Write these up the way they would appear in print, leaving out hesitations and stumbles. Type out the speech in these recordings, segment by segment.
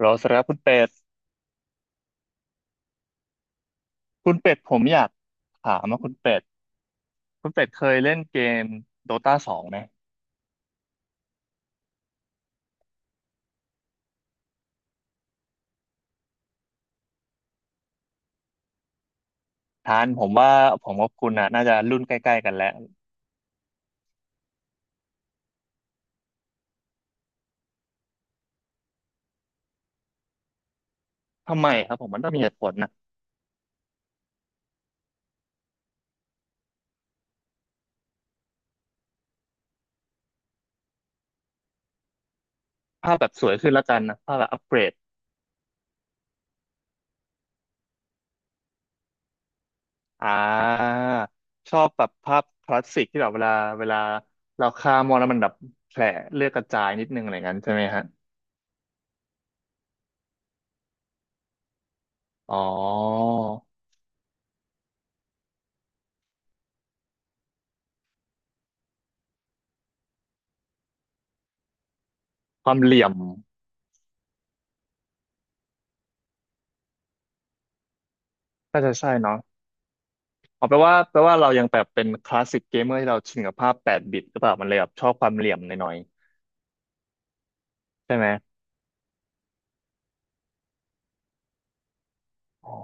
เราสำหรับคุณเป็ดผมอยากถามว่าคุณเป็ดเคยเล่นเกมโดตาสองไหมทานผมว่าผมกับคุณน่ะน่าจะรุ่นใกล้ๆกันแล้วทำไมครับผมมันต้องมีเหตุผลนะภาพแบบสวยขึ้นละกันนะภาพแบบอัปเกรดอ่าชอบแบบภาพคลาสสิกที่แบบเวลาเราฆ่ามอนแล้วมันแบบแผลเลือดกระจายนิดนึงอะไรอย่างนั้นใช่ไหมฮะอ๋อความเหลี่ยมน่าจะใช่เนาะ เอาแปลว่าเรายังแบบเป็นคลาสสิกเกมเมอร์ที่เราชินกับภาพ8 บิตหรือเปล่ามันเลยแบบชอบความเหลี่ยมหน่อยๆใช่ไหมอ๋อ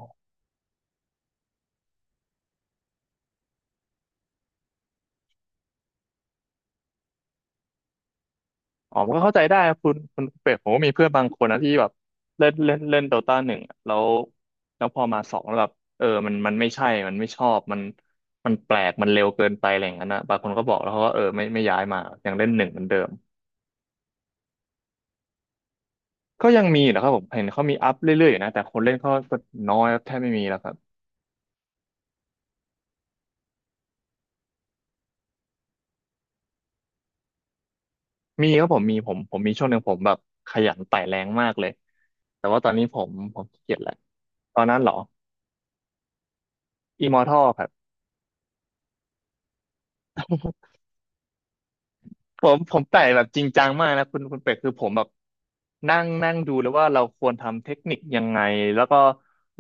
อ๋อมันก็เข้าใจได้ครับคุณเป็ดผมก็มีเพื่อนบางคนนะที่แบบเล่นเล่นเล่นโดตาหนึ่งอะแล้วพอมาสองแล้วแบบเออมันไม่ใช่มันไม่ชอบมันมันแปลกมันเร็วเกินไปอะไรอย่างนั้นนะบางคนก็บอกแล้วเขาก็เออไม่ย้ายมายังเล่นหนึ่งเหมือนเดิมก็ยังมีนะครับผมเห็นเขามีอัพเรื่อยๆอยู่นะแต่คนเล่นเขาก็น้อยครับแทบไม่มีแล้วครับ มีครับผมมีผมมีช่วงหนึ่งผมแบบขยันไต่แรงมากเลยแต่ว่าตอนนี้ผมขี้เกียจแล้วตอนนั้นเหรออิมอร์ทัครับผมไต่แบบจริงจังมากนะคุณเป็ดคือผมแบบนั่งนั่งดูแล้วว่าเราควรทำเทคนิคยังไงแล้วก็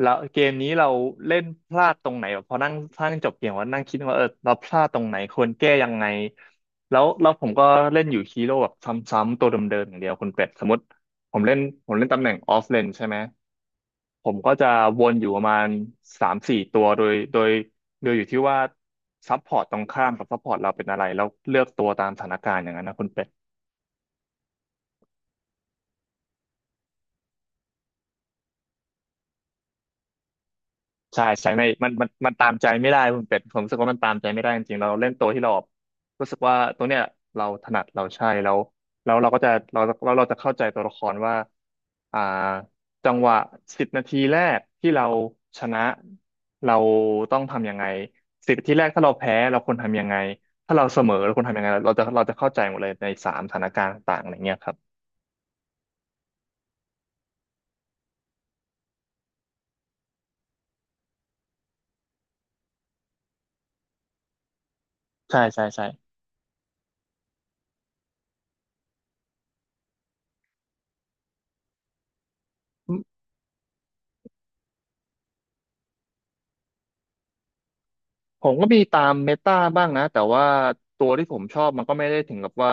แล้วเกมนี้เราเล่นพลาดตรงไหนแบบพอนั่งพลาดจบเกมว่านั่งคิดว่าเออเราพลาดตรงไหนควรแก้ยังไงแล้วผมก็เล่นอยู่ฮีโร่แบบซ้ำๆตัวเดิมๆอย่างเดียวคุณเป็ดสมมติผมเล่นตำแหน่งออฟเลนใช่ไหม ผมก็จะวนอยู่ประมาณ3-4 ตัวโดยอยู่ที่ว่าซัพพอร์ตตรงข้ามกับซัพพอร์ตเราเป็นอะไรแล้วเลือกตัวตามสถานการณ์อย่างนั้นนะคุณเป็ด ใช่ใช่ในมันตามใจไม่ได้คุณเป็ดผมรู้สึกว่ามันตามใจไม่ได้จริงๆเราเล่นตัวที่เรารู้สึกว่าตัวเนี้ยเราถนัดเราใช่แล้วแล้วเราก็จะเราจะเข้าใจตัวละครว่าอ่าจังหวะสิบนาทีแรกที่เราชนะเราต้องทำยังไงสิบนาทีแรกถ้าเราแพ้เราควรทำยังไงถ้าเราเสมอเราควรทำยังไงเราจะเข้าใจหมดเลยในสามสถานการณ์ต่างๆอะไรเงี้ยครับใช่ใช่ใช่ ผมก็มีตามเมตาบ้างนะแต่ว่าตัวที่ผมชอบมันก็ไม่ได้ถึงกับว่า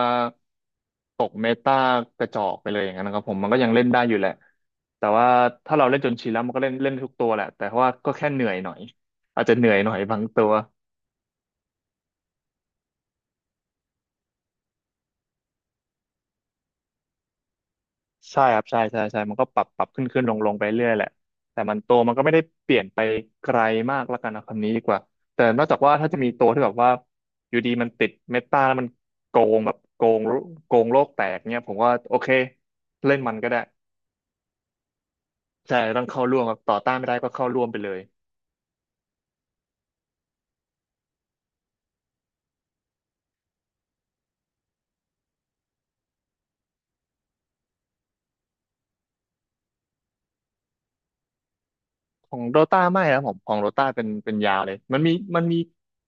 ตกเมตากระจอกไปเลยอย่างนั้นนะครับผมมันก็ยังเล่นได้อยู่แหละแต่ว่าถ้าเราเล่นจนชินแล้วมันก็เล่นเล่นทุกตัวแหละแต่ว่าก็แค่เหนื่อยหน่อยอาจจะเหนื่อยหน่อยบางตัว ใช่ครับใช่ใช่ใช่มันก็ปรับขึ้นขึ้นลงลงไปเรื่อยแหละแต่มันโตวมันก็ไม่ได้เปลี่ยนไปไกลมากละกันนะคำนี้ดีกว่าแต่นอกจากว่าถ้าจะมีตัวที่แบบว่าอยู่ดีมันติดเมตาแล้วมันโกงแบบโกงโลกแตกเนี่ยผมว่าโอเคเล่นมันก็ได้ใช่ต้องเข้าร่วมครับต่อต้านไม่ได้ก็เข้าร่วมไปเลยของโดตาไม่ครับผมของโดตาเป็นยาวเลยมันมีมันมี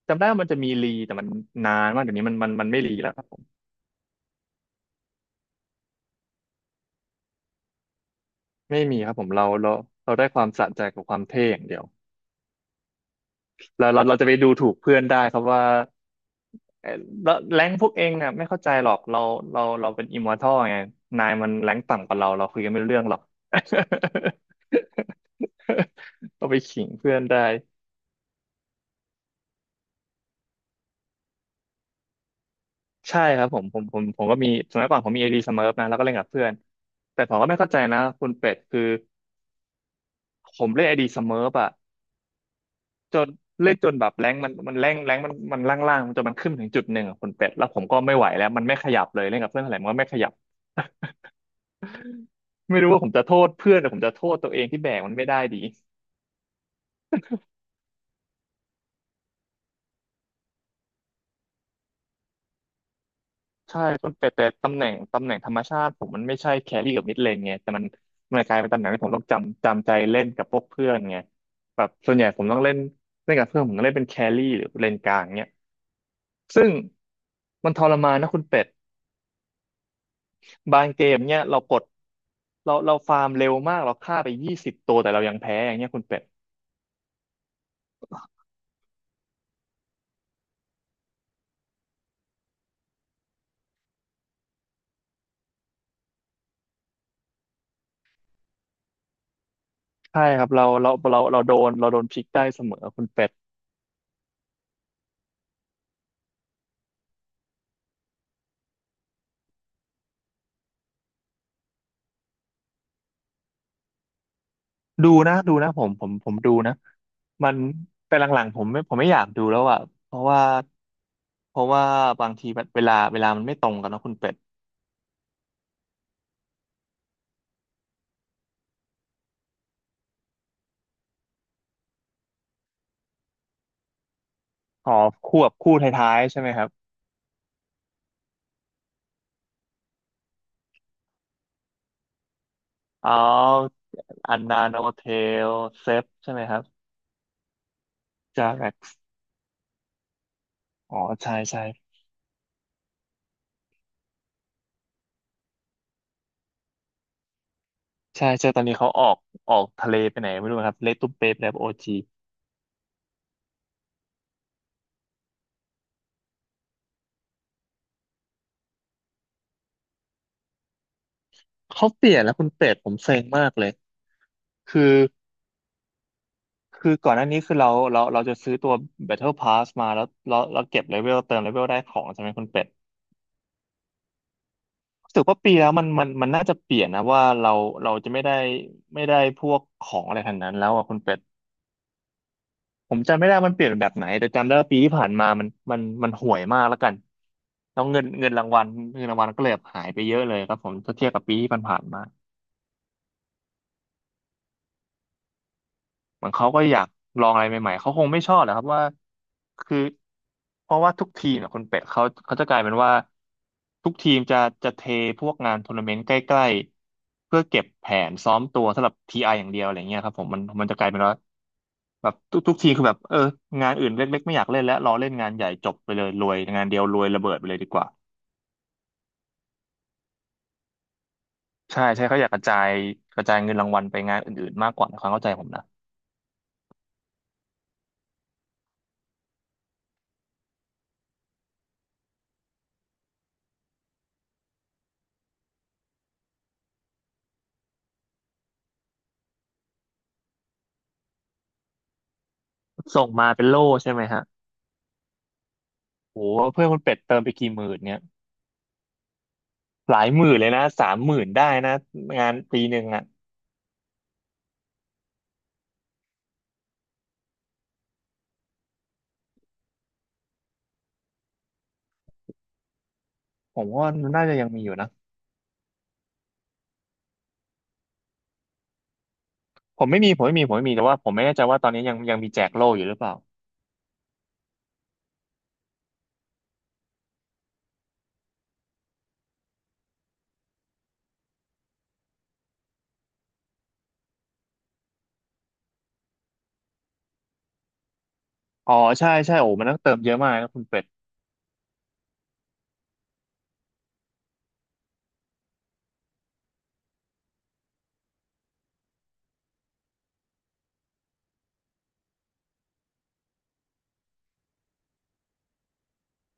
จำได้ว่ามันจะมีรีแต่มันนานมากเดี๋ยวนี้มันไม่รีแล้วครับผมไม่มีครับผมเราได้ความสะใจกับความเท่อย่างเดียว เราจะไปดูถูกเพื่อนได้ครับว่าเอ่อแล้วแรงพวกเองเนี่ยไม่เข้าใจหรอกเราเป็นอิมมอร์ทัลไงนายมันแรงต่ำกว่าเราเราคุยกันไม่รู้เรื่องหรอก ก็ไปขิงเพื่อนได้ใช่ครับผมก็มีสมัยก่อนผมมีไอดีสมิร์นะแล้วก็เล่นกับเพื่อนแต่ผมก็ไม่เข้าใจนะคุณเป็ดคือผมเล่นไอดีสมิร์อะจนเล่นจนแบบแรงค์มันแรงค์แรงค์มันมันล่างๆจนมันขึ้นถึงจุดหนึ่งอะคุณเป็ดแล้วผมก็ไม่ไหวแล้วมันไม่ขยับเลยเล่นกับเพื่อนเท่าไหร่มันก็ไม่ขยับ ไม่รู้ว่าผมจะโทษเพื่อนหรือผมจะโทษตัวเองที่แบกมันไม่ได้ดีใช่ต้นแต่ตำแหน่งธรรมชาติผมมันไม่ใช่แครี่กับมิดเลนไงแต่มันกลายเป็นตำแหน่งที่ผมต้องจำใจเล่นกับพวกเพื่อนไงแบบส่วนใหญ่ผมต้องเล่นเล่นกับเพื่อนผมก็เล่นเป็นแครี่หรือเลนกลางเนี่ยซึ่งมันทรมานนะคุณเป็ดบางเกมเนี้ยเรากดเราฟาร์มเร็วมากเราฆ่าไปยี่สิบตัวแต่เรายังแพ้อย่างเงี้ยคุณเป็ดใช่ครับเราเราเราเราโดนเราโดนพลิกได้เสมอคุณเป็ด ดูนะดูนะผมดูนะมันแต่หลังๆผมไม่อยากดูแล้วอ่ะเพราะว่าเพราะว่าบางทีแบบเวลามันไม่ตรงกันเนอะคุณเป็ดอ๋อคู่บบคู่ท้ายๆใช่ไหมครับอออันนาโนเทลเซฟใช่ไหมครับจาแร็กอ๋อใช่ใช่ใช่ใช่ตอนนี้เขาออกทะเลไปไหนไม่รู้ครับเลตุเปปแล้วโอจีเขาเปลี่ยนแล้วคุณเป็ดผมเซ็งมากเลยคือ คือก่อนหน้านี้คือเราจะซื้อตัว Battle Pass มาแล้วเราเก็บเลเวลเติมเลเวลได้ของใช่ไหมคุณเป็ดรู้สึกว่าปีแล้วมันน่าจะเปลี่ยนนะว่าเราจะไม่ได้พวกของอะไรทางนั้นแล้วอ่ะคุณเป็ดผมจำไม่ได้มันเปลี่ยนแบบไหนแต่จำได้ว่าปีที่ผ่านมามันห่วยมากแล้วกันแล้วเงินรางวัลก็เลยแบบหายไปเยอะเลยครับผมถ้าเทียบกับปีที่ผ่านๆมา เหมือนเขาก็อยากลองอะไรใหม่ๆเขาคงไม่ชอบแหละครับว่าคือเพราะว่าทุกทีมเนยคนเป็ดเขาจะกลายเป็นว่าทุกทีมจะเทพวกงานทัวร์นาเมนต์ใกล้ๆเพื่อเก็บแผนซ้อมตัวสำหรับทีไออย่างเดียวอะไรเงี้ยครับผมมันจะกลายเป็นว่าแบบทุกทีคือแบบเอองานอื่นเล็กๆไม่อยากเล่นแล้วรอเล่นงานใหญ่จบไปเลยรวยงานเดียวรวยระเบิดไปเลยดีกว่าใช่ใช่เขาอยากกระจายเงินรางวัลไปงานอื่นๆมากกว่าในความเข้าใจผมนะส่งมาเป็นโล่ใช่ไหมฮะโหเพื่อนคุณเป็ดเติมไปกี่หมื่นเนี่ย หลายหมื่นเลยนะสามหมื่นได้นะงานปีหนึ่งอ่ะผมว่ามันน่าจะยังมีอยู่นะผมไม่มีแต่ว่าผมไม่แน่ใจว่าตอนนี้ยังมีแจกโล่อยู่หรือเปล่าอ๋อใช่ใช่โอ้มันต้องเติมเยอะมากนะคุณเป็ด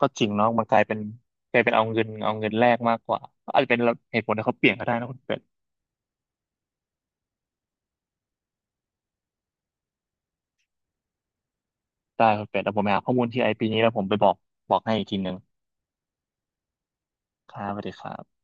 ก็จริงเนาะมันกลายเป็นเอาเงินแลกมากกว่าอาจจะเป็นเหตุผลที่เขาเปลี่ยนก็ได้นะคุณเป็ดได้คุณเป็ดแล้วผมไปหาข้อมูลที่ไอปีนี้แล้วผมไปบอกให้อีกทีหนึ่งครับสวัสดีครับ